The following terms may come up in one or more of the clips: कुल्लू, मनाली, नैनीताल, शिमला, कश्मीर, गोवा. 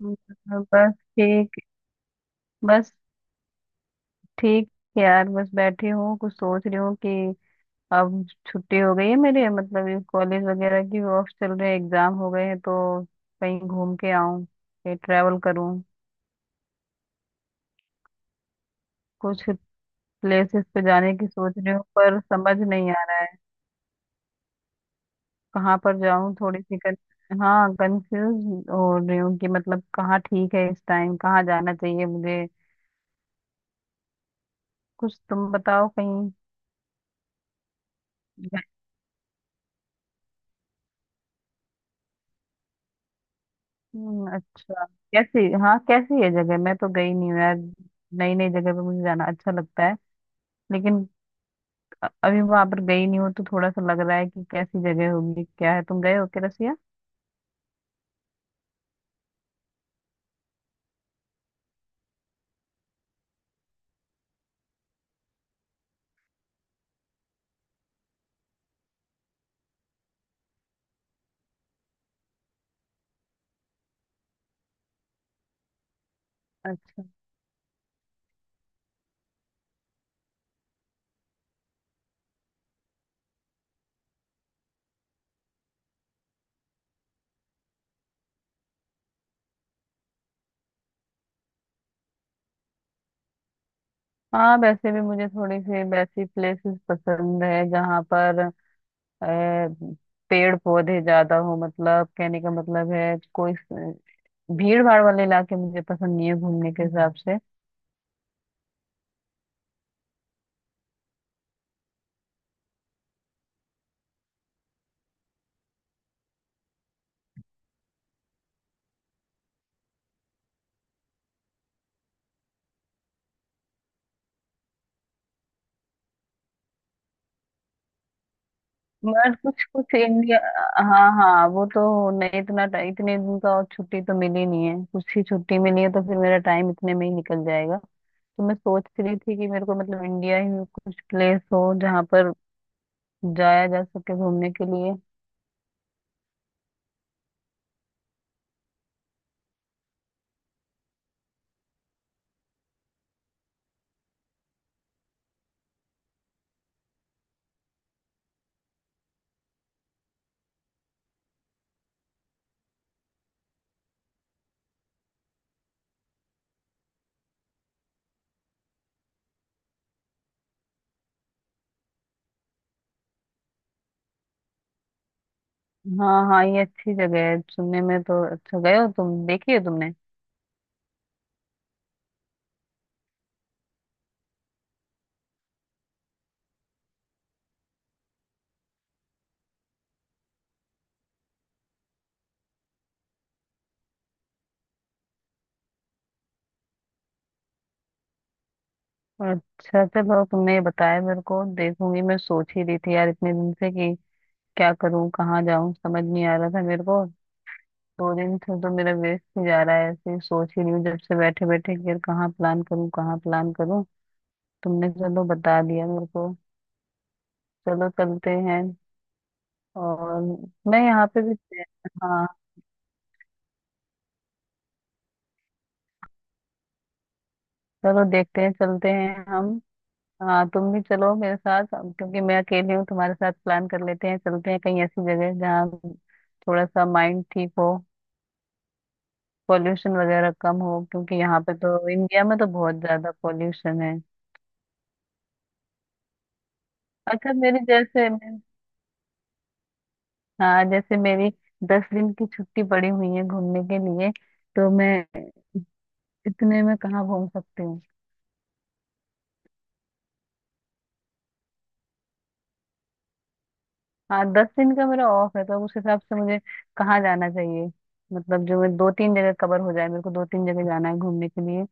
हम्म, बस ठीक बस ठीक। यार बस बैठी हूँ, कुछ सोच रही हूँ कि अब छुट्टी हो गई है मेरे, मतलब ये कॉलेज वगैरह की ऑफ चल रहे हैं, एग्जाम हो गए हैं तो कहीं घूम के आऊँ, कहीं ट्रैवल करूँ। कुछ प्लेसेस पे जाने की सोच रही हूँ पर समझ नहीं आ रहा है कहाँ पर जाऊँ। थोड़ी सी हाँ, कंफ्यूज हो रही हूँ कि मतलब कहाँ ठीक है, इस टाइम कहाँ जाना चाहिए मुझे। कुछ तुम बताओ कहीं। अच्छा। कैसी हाँ, कैसी है जगह? मैं तो गई नहीं हूँ यार। नई नई जगह पे मुझे जाना अच्छा लगता है, लेकिन अभी वहां पर गई नहीं हूँ तो थोड़ा सा लग रहा है कि कैसी जगह होगी, क्या है। तुम गए हो क्या रसिया? अच्छा। हाँ, वैसे भी मुझे थोड़ी सी वैसी प्लेसेस पसंद है जहाँ पर अ, पेड़ पौधे ज्यादा हो, मतलब कहने का मतलब है कोई भीड़ भाड़ वाले इलाके मुझे पसंद नहीं है घूमने के हिसाब से। बस कुछ कुछ इंडिया। हाँ हाँ, वो तो नहीं, इतना इतने दिन का, और छुट्टी तो मिली नहीं है, कुछ ही छुट्टी मिली है तो फिर मेरा टाइम इतने में ही निकल जाएगा। तो मैं सोच रही थी कि मेरे को मतलब इंडिया ही में कुछ प्लेस हो जहाँ पर जाया जा सके घूमने के लिए। हाँ हाँ, ये अच्छी जगह है सुनने में तो। अच्छा गए हो तुम, देखी हो तुमने? अच्छा चलो, तुमने ये बताया मेरे को, देखूंगी। मैं सोच ही रही थी यार इतने दिन से कि क्या करूँ, कहाँ जाऊँ, समझ नहीं आ रहा था मेरे को। दो दिन से तो मेरा वेस्ट ही जा रहा है, ऐसे ही सोच ही रही हूँ जब से, बैठे बैठे यार, कहाँ प्लान करूँ, कहाँ प्लान करूँ। तुमने चलो बता दिया मेरे को। चलो चलते हैं। और मैं यहाँ पे भी, हाँ, चलो देखते हैं चलते हैं हम। हाँ तुम भी चलो मेरे साथ, क्योंकि मैं अकेली हूँ, तुम्हारे साथ प्लान कर लेते हैं, चलते हैं कहीं ऐसी जगह जहाँ थोड़ा सा माइंड ठीक हो, पॉल्यूशन वगैरह कम हो, क्योंकि यहाँ पे तो इंडिया में तो बहुत ज्यादा पॉल्यूशन है। अच्छा, मेरी जैसे हाँ, जैसे मेरी 10 दिन की छुट्टी पड़ी हुई है घूमने के लिए, तो मैं इतने में कहाँ घूम सकती हूँ? हाँ, 10 दिन का मेरा ऑफ है, तो उस हिसाब से मुझे कहाँ जाना चाहिए? मतलब जो मैं 2 तीन जगह कवर हो जाए, मेरे को 2 तीन जगह जाना है घूमने के लिए।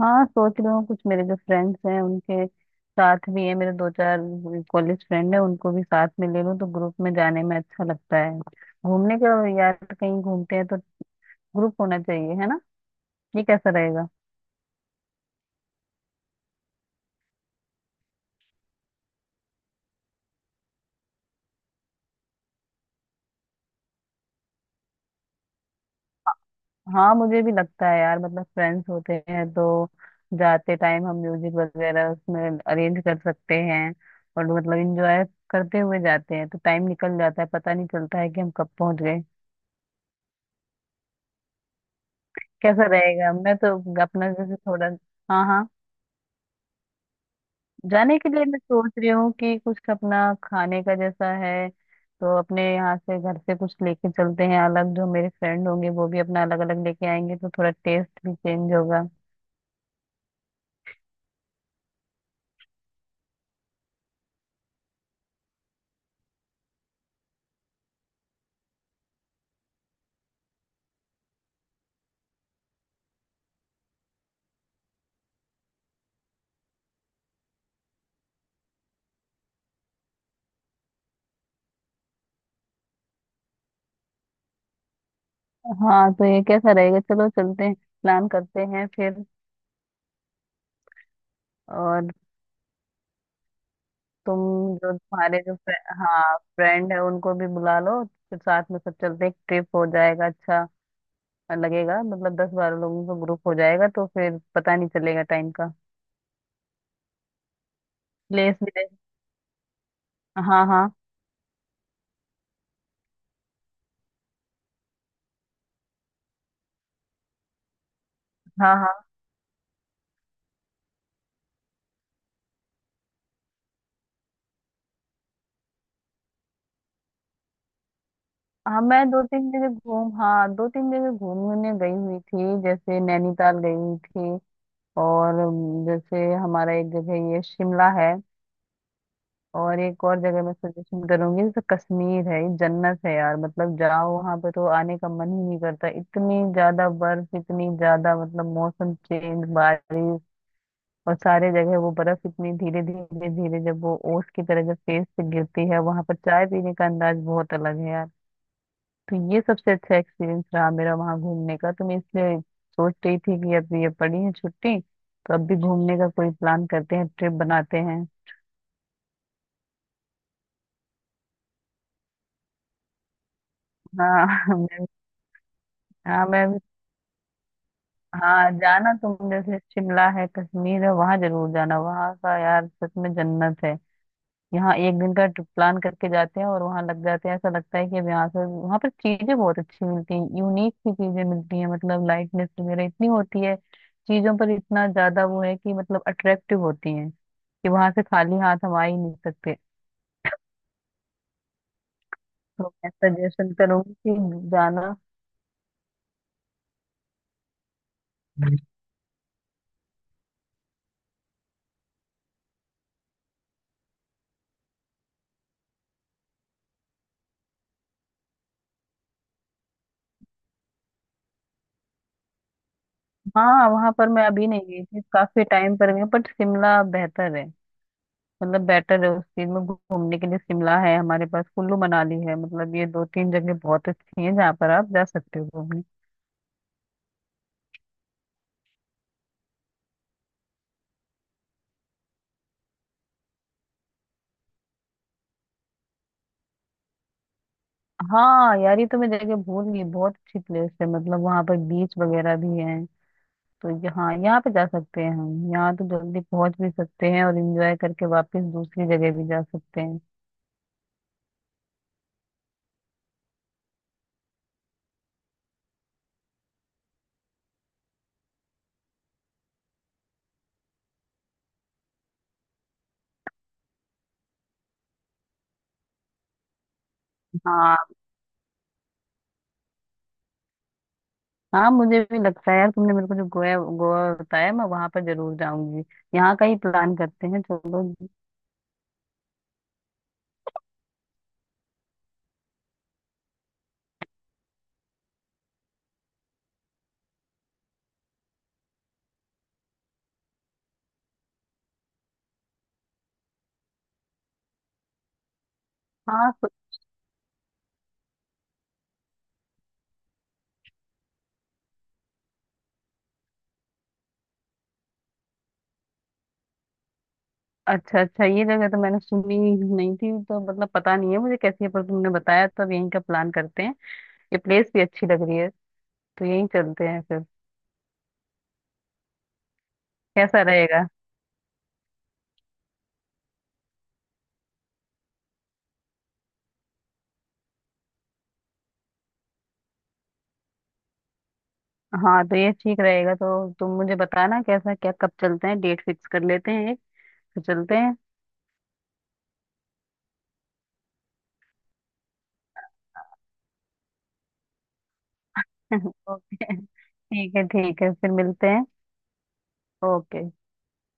हाँ, सोच रही हूँ कुछ। मेरे जो फ्रेंड्स हैं उनके साथ भी है, मेरे 2 चार कॉलेज फ्रेंड है, उनको भी साथ में ले लूँ। तो ग्रुप में जाने में अच्छा लगता है घूमने का, यार कहीं घूमते हैं तो ग्रुप होना चाहिए, है ना? ये कैसा रहेगा? हाँ, मुझे भी लगता है यार, मतलब फ्रेंड्स होते हैं तो जाते टाइम हम म्यूजिक वगैरह उसमें अरेंज कर सकते हैं, और मतलब इंजॉय करते हुए जाते हैं तो टाइम निकल जाता है, पता नहीं चलता है कि हम कब पहुंच गए। कैसा रहेगा? मैं तो अपना जैसे थोड़ा, हाँ हाँ, जाने के लिए मैं सोच रही हूँ कि कुछ अपना खाने का जैसा है तो अपने यहाँ से घर से कुछ लेके चलते हैं। अलग जो मेरे फ्रेंड होंगे वो भी अपना अलग अलग लेके आएंगे, तो थोड़ा टेस्ट भी चेंज होगा। हाँ तो ये कैसा रहेगा? चलो चलते हैं, प्लान करते हैं फिर। और तुम जो तुम्हारे जो हाँ, फ्रेंड है उनको भी बुला लो, फिर साथ में सब चलते हैं। ट्रिप हो जाएगा, अच्छा लगेगा, मतलब 10 बारह लोगों का ग्रुप हो जाएगा तो फिर पता नहीं चलेगा टाइम का। प्लेस भी देख, हाँ हाँ हाँ हाँ हाँ। मैं दो तीन जगह घूम हाँ, 2 तीन जगह घूमने गई हुई थी, जैसे नैनीताल गई हुई थी, और जैसे हमारा एक जगह ये शिमला है, और एक और जगह मैं सजेशन करूंगी, जैसे कश्मीर है। ये जन्नत है यार, मतलब जाओ वहां पे तो आने का मन ही नहीं करता। इतनी ज्यादा बर्फ, इतनी ज्यादा मतलब मौसम चेंज, बारिश और सारे जगह वो बर्फ, इतनी धीरे धीरे धीरे जब वो ओस की तरह जब फेस से गिरती है। वहां पर चाय पीने का अंदाज बहुत अलग है यार। तो ये सबसे अच्छा एक्सपीरियंस रहा मेरा वहां घूमने का। तो मैं इसलिए सोच रही थी कि अब ये पड़ी है छुट्टी तो अब भी घूमने का कोई प्लान करते हैं, ट्रिप बनाते हैं। हाँ मैं हाँ मैं हाँ, जाना तुम, जैसे शिमला है, कश्मीर है, वहां जरूर जाना। वहां का यार सच में जन्नत है। यहाँ एक दिन का ट्रिप प्लान करके जाते हैं और वहां लग जाते हैं, ऐसा लगता है कि अब यहाँ से वहां पर चीजें बहुत अच्छी मिलती हैं, यूनिक सी चीजें मिलती हैं, मतलब लाइटनेस वगैरह इतनी होती है चीजों पर, इतना ज्यादा वो है कि मतलब अट्रैक्टिव होती हैं कि वहां से खाली हाथ हम आ ही नहीं सकते। तो मैं सजेशन करूंगी कि जाना। हाँ वहां पर मैं अभी नहीं गई थी, काफी टाइम पर गई हूँ, बट शिमला बेहतर है, मतलब बेटर है उस चीज में घूमने के लिए। शिमला है, हमारे पास कुल्लू मनाली है, मतलब ये 2 तीन जगह बहुत अच्छी हैं जहाँ पर आप जा सकते हो घूमने। हाँ यार, ये तो मैं जगह भूल गई, बहुत अच्छी प्लेस है, मतलब वहाँ पर बीच वगैरह भी है। तो यहाँ यहाँ पे जा सकते हैं हम, यहाँ तो जल्दी पहुंच भी सकते हैं और एंजॉय करके वापस दूसरी जगह भी जा सकते हैं। हाँ हाँ, मुझे भी लगता है यार, तुमने मेरे को जो गोवा गोवा बताया मैं वहां पर जरूर जाऊंगी। यहाँ का ही प्लान करते हैं चलो। हाँ, अच्छा अच्छा, ये जगह तो मैंने सुनी नहीं थी तो मतलब पता नहीं है मुझे कैसी है, पर तुमने बताया तो अब यहीं का प्लान करते हैं। ये प्लेस भी अच्छी लग रही है, तो यहीं चलते हैं फिर। कैसा रहेगा? हाँ तो ये ठीक रहेगा, तो तुम मुझे बताना कैसा क्या, कब चलते हैं, डेट फिक्स कर लेते हैं एक, फिर चलते हैं। ओके, ठीक है ठीक है, फिर मिलते हैं। ओके।